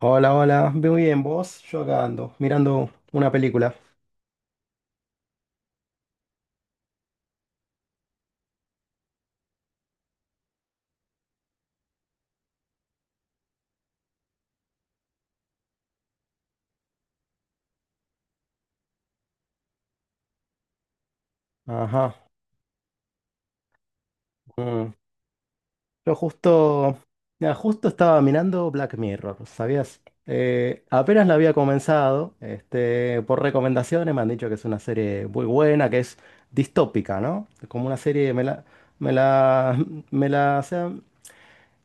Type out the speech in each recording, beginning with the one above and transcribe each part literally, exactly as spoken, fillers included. Hola, hola, muy bien, vos, yo acá ando, mirando una película. Ajá. Mm. Yo justo, mira, justo estaba mirando Black Mirror, ¿sabías? Eh, apenas la había comenzado, este, por recomendaciones me han dicho que es una serie muy buena, que es distópica, ¿no? Como una serie, me la, me la, me la, o sea,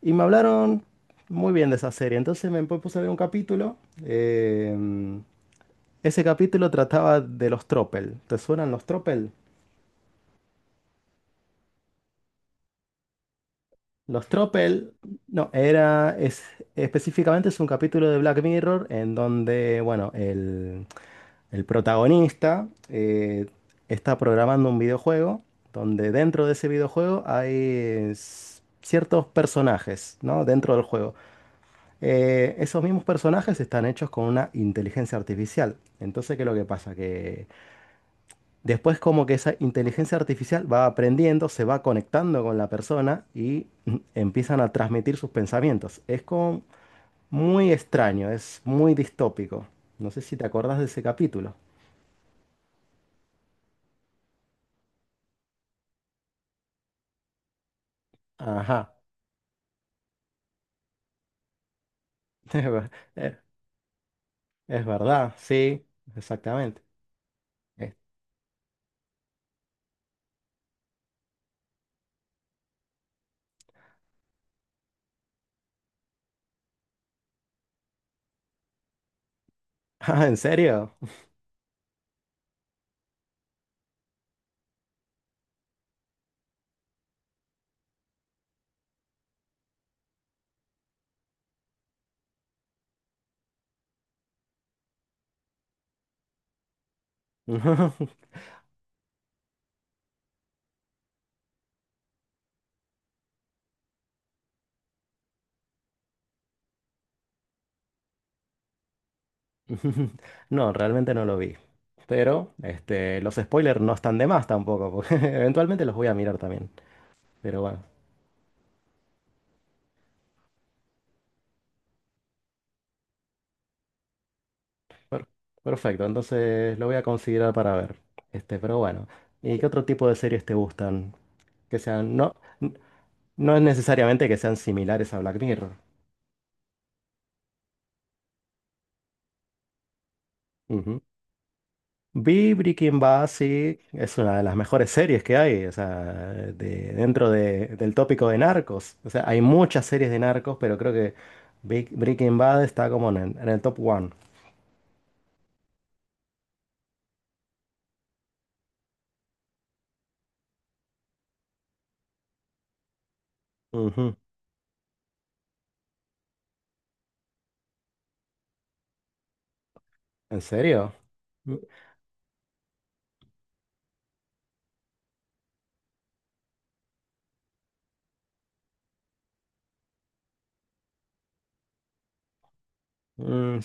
y me hablaron muy bien de esa serie, entonces me puse a ver un capítulo. em, ese capítulo trataba de los tropel. ¿Te suenan los tropel? Los Tropel, no, era es, específicamente es un capítulo de Black Mirror en donde, bueno, el, el protagonista eh, está programando un videojuego donde dentro de ese videojuego hay s- ciertos personajes, ¿no? Dentro del juego. Eh, esos mismos personajes están hechos con una inteligencia artificial. Entonces, ¿qué es lo que pasa? Que después como que esa inteligencia artificial va aprendiendo, se va conectando con la persona y mm, empiezan a transmitir sus pensamientos. Es como muy extraño, es muy distópico. No sé si te acordás de ese capítulo. Ajá, es ver- eh, es verdad, sí, exactamente. Eh, Ah, ¿en serio? No, realmente no lo vi. Pero este, los spoilers no están de más tampoco, porque eventualmente los voy a mirar también. Pero bueno. Per- Perfecto, entonces lo voy a considerar para ver. Este, pero bueno, ¿y qué otro tipo de series te gustan? Que sean, no, n- no es necesariamente que sean similares a Black Mirror. Ujú. Vi Breaking Bad, sí, es una de las mejores series que hay, o sea, de, dentro de- del tópico de narcos. O sea, hay muchas series de narcos, pero creo que Big- Breaking Bad está como en el, en el top one. Ujú. ¿En serio? Mm, mm,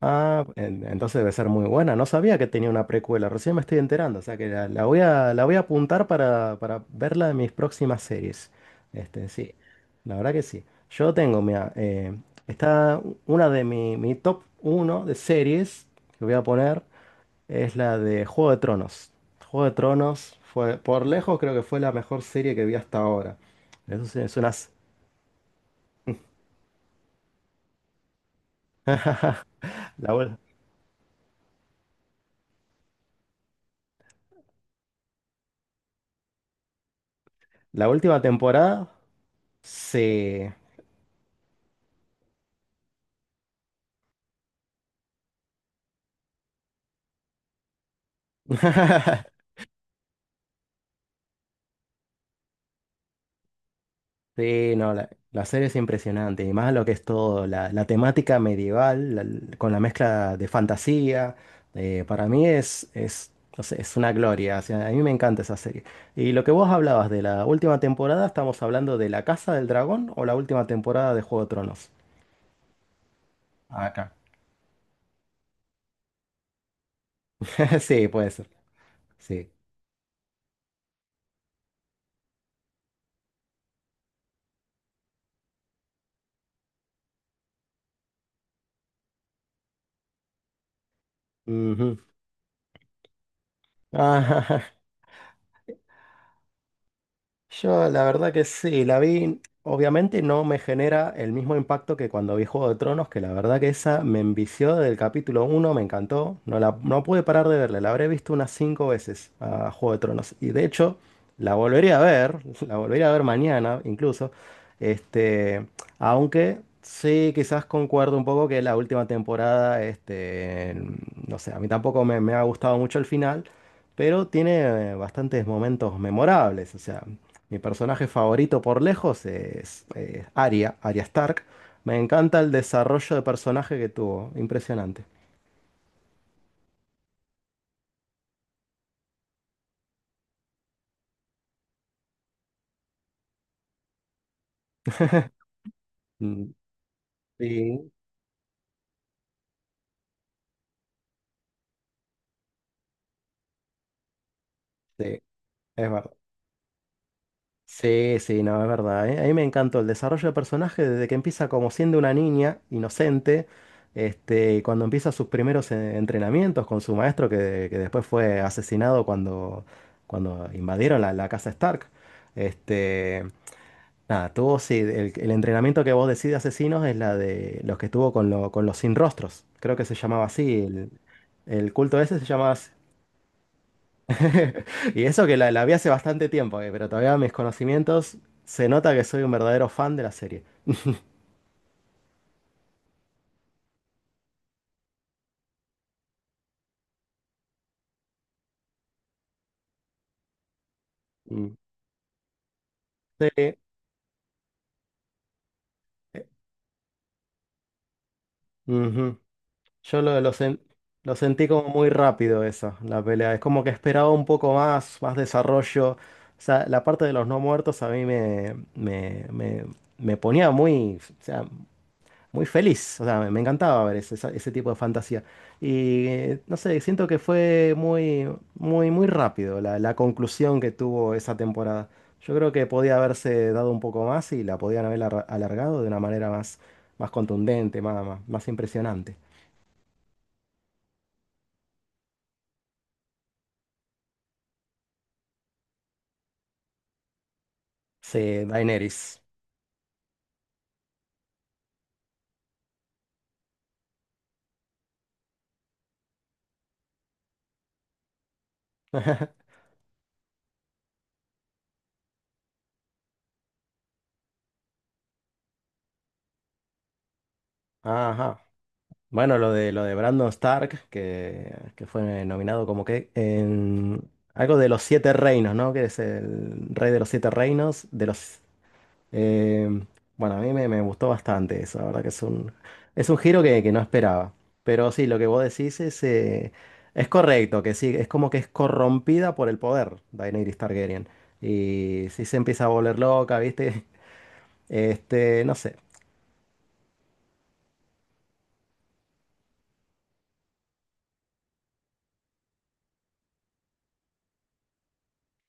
Ah, en- entonces debe ser muy buena. No sabía que tenía una precuela, recién me estoy enterando. O sea que la, la voy a, la voy a apuntar para, para verla en mis próximas series. Este, sí, la verdad que sí. Yo tengo, mira, eh, está una de mi, mi top uno de series que voy a poner, es la de Juego de Tronos. Juego de Tronos fue, por lejos, creo que fue la mejor serie que vi hasta ahora. Eso sí, es una, la, ul- la última temporada, sí. Sí, no, la, la serie es impresionante, y más lo que es todo, la, la temática medieval, la- con la mezcla de fantasía, eh, para mí es, es, no sé, es una gloria, o sea, a mí me encanta esa serie. Y lo que vos hablabas de la última temporada, ¿estamos hablando de La Casa del Dragón o la última temporada de Juego de Tronos? Acá. Sí, puede ser, sí. Ujú. Yo la verdad que sí, la vi, obviamente no me genera el mismo impacto que cuando vi Juego de Tronos, que la verdad que esa me envició del capítulo uno, me encantó, no, la, no pude parar de verla, la habré visto unas cinco veces a Juego de Tronos y de hecho la volvería a ver, la volvería a ver mañana incluso, este, aunque sí quizás concuerdo un poco que la última temporada, este, no sé, a mí tampoco me me ha gustado mucho el final pero tiene eh, bastantes momentos memorables. O sea, mi personaje favorito por lejos es eh, Arya, Arya Stark. Me encanta el desarrollo de personaje que tuvo, impresionante. Mm, sí, sí, es verdad. Sí, sí, no, es verdad. ¿Eh? A mí me encantó el desarrollo de personaje desde que empieza como siendo una niña inocente, este, y cuando empieza sus primeros eh, entrenamientos con su maestro que, que después fue asesinado cuando, cuando invadieron la, la casa Stark. Este, nada, tuvo, sí, el, el entrenamiento que vos decís de asesinos es la de los que estuvo con, lo- con los sin rostros. Creo que se llamaba así. El, el culto ese se llamaba así. Y eso que la, la vi hace bastante tiempo, eh, pero todavía mis conocimientos se nota que soy un verdadero fan de la serie. Mm. Sí, eh, ujú. Yo lo, lo sen- lo sentí como muy rápido eso, la pelea. Es como que esperaba un poco más, más desarrollo. O sea, la parte de los no muertos a mí me, me, me, me ponía muy... o sea, muy feliz. O sea, me, me encantaba ver ese, esa- ese tipo de fantasía. Y eh, no sé, siento que fue muy, muy, muy rápido la, la conclusión que tuvo esa temporada. Yo creo que podía haberse dado un poco más y la podían haber arra- alargado de una manera más, más contundente, más, más, más impresionante. Sí, Daenerys. Ajá. Bueno, lo de lo de Brandon Stark, que, que fue nominado como que en algo de los siete reinos, ¿no? Que es el rey de los siete reinos, de los. Eh, bueno, a mí me, me gustó bastante eso, la verdad que es un, es un giro que, que no esperaba. Pero sí, lo que vos decís es, eh, es correcto, que sí, es como que es corrompida por el poder Daenerys Targaryen. Y sí se empieza a volver loca, ¿viste? Este, no sé.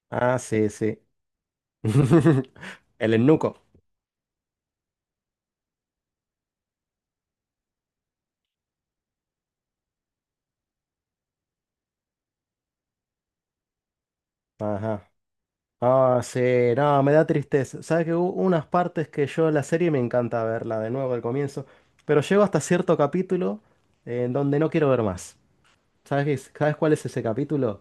Ah, sí, sí. El eunuco. Ajá. Ah, sí, no, me da tristeza. Sabes que hubo unas partes que yo la serie me encanta verla de nuevo al comienzo, pero llego hasta cierto capítulo eh, en donde no quiero ver más. ¿Sabes qué es- ¿Sabes cuál es ese capítulo?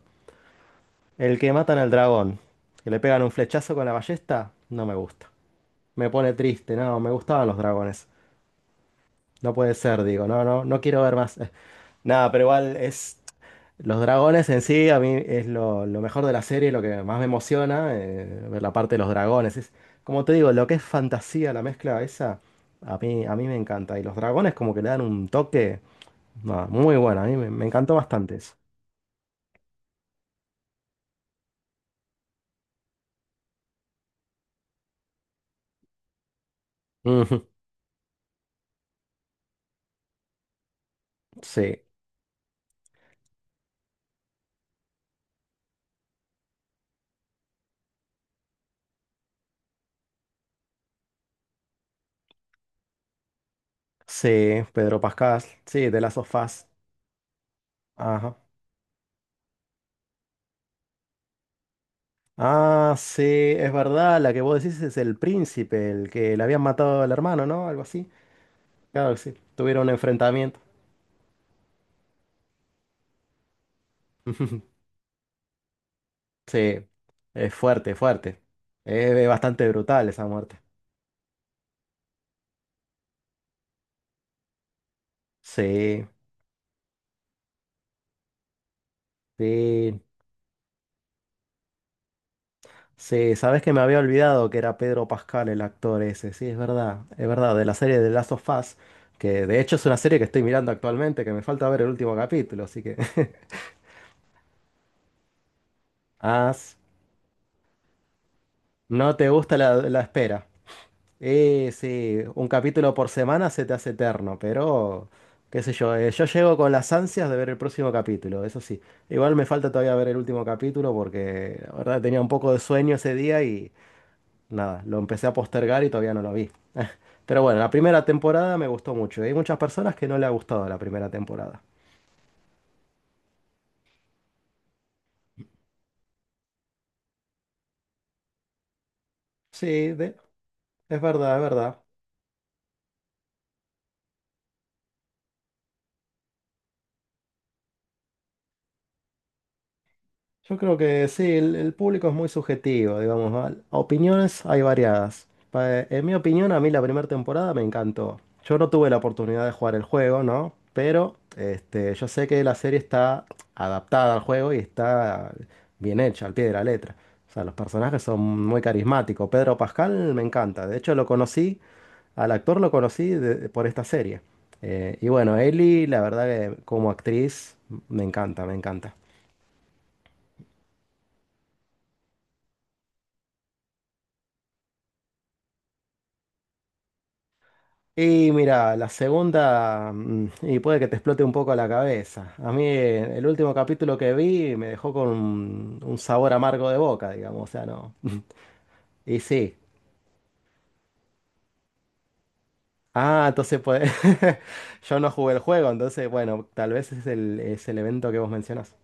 El que matan al dragón, que le pegan un flechazo con la ballesta, no me gusta. Me pone triste, no, me gustaban los dragones. No puede ser, digo, no, no, no quiero ver más. Nada, pero igual es. Los dragones en sí, a mí es lo, lo mejor de la serie, lo que más me emociona, eh, ver la parte de los dragones. Es, como te digo, lo que es fantasía, la mezcla esa, a mí, a mí me encanta. Y los dragones como que le dan un toque nada, muy bueno, a mí me, me encantó bastante eso. Ujú, sí, sí, Pedro Pascal, sí, de las of Us. Ajá. Ah, sí, es verdad, la que vos decís es el príncipe, el que le habían matado al hermano, ¿no? Algo así. Claro, que sí, tuvieron un enfrentamiento. Sí, es fuerte, fuerte. Es bastante brutal esa muerte. Sí, sí, sí. Sabes que me había olvidado que era Pedro Pascal el actor ese. Sí, es verdad, es verdad. De la serie de Last of Us, que de hecho es una serie que estoy mirando actualmente, que me falta ver el último capítulo, así que. Ah, s- no te gusta la, la espera. Eh, sí, un capítulo por semana se te hace eterno, pero qué sé yo, eh, yo llego con las ansias de ver el próximo capítulo, eso sí. Igual me falta todavía ver el último capítulo porque la verdad tenía un poco de sueño ese día y nada, lo empecé a postergar y todavía no lo vi. Pero bueno, la primera temporada me gustó mucho. Hay muchas personas que no le ha gustado la primera temporada. Sí, de- es verdad, es verdad. Yo creo que sí, el, el público es muy subjetivo, digamos, ¿va? Opiniones hay variadas. Pa- En mi opinión, a mí la primera temporada me encantó. Yo no tuve la oportunidad de jugar el juego, ¿no? Pero este, yo sé que la serie está adaptada al juego y está bien hecha, al pie de la letra. O sea, los personajes son muy carismáticos. Pedro Pascal me encanta. De hecho, lo conocí, al actor lo conocí de- por esta serie. Eh, y bueno, Ellie, la verdad que como actriz, me encanta, me encanta. Y mira, la segunda, mm, y puede que te explote un poco la cabeza. A mí eh, el último capítulo que vi me dejó con un, un sabor amargo de boca, digamos, o sea, no. Y sí. Ah, entonces pues yo no jugué el juego, entonces bueno, tal vez es el, es el evento que vos mencionás.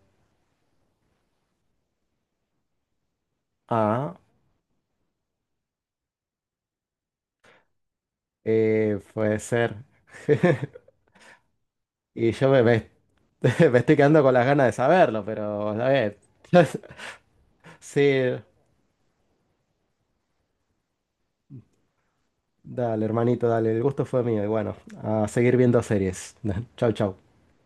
Ah, eh, puede ser. Y yo me, me- Me estoy quedando con las ganas de saberlo, pero a ver. Sí. Dale, hermanito, dale. El gusto fue mío. Y bueno, a seguir viendo series. Chau, chau.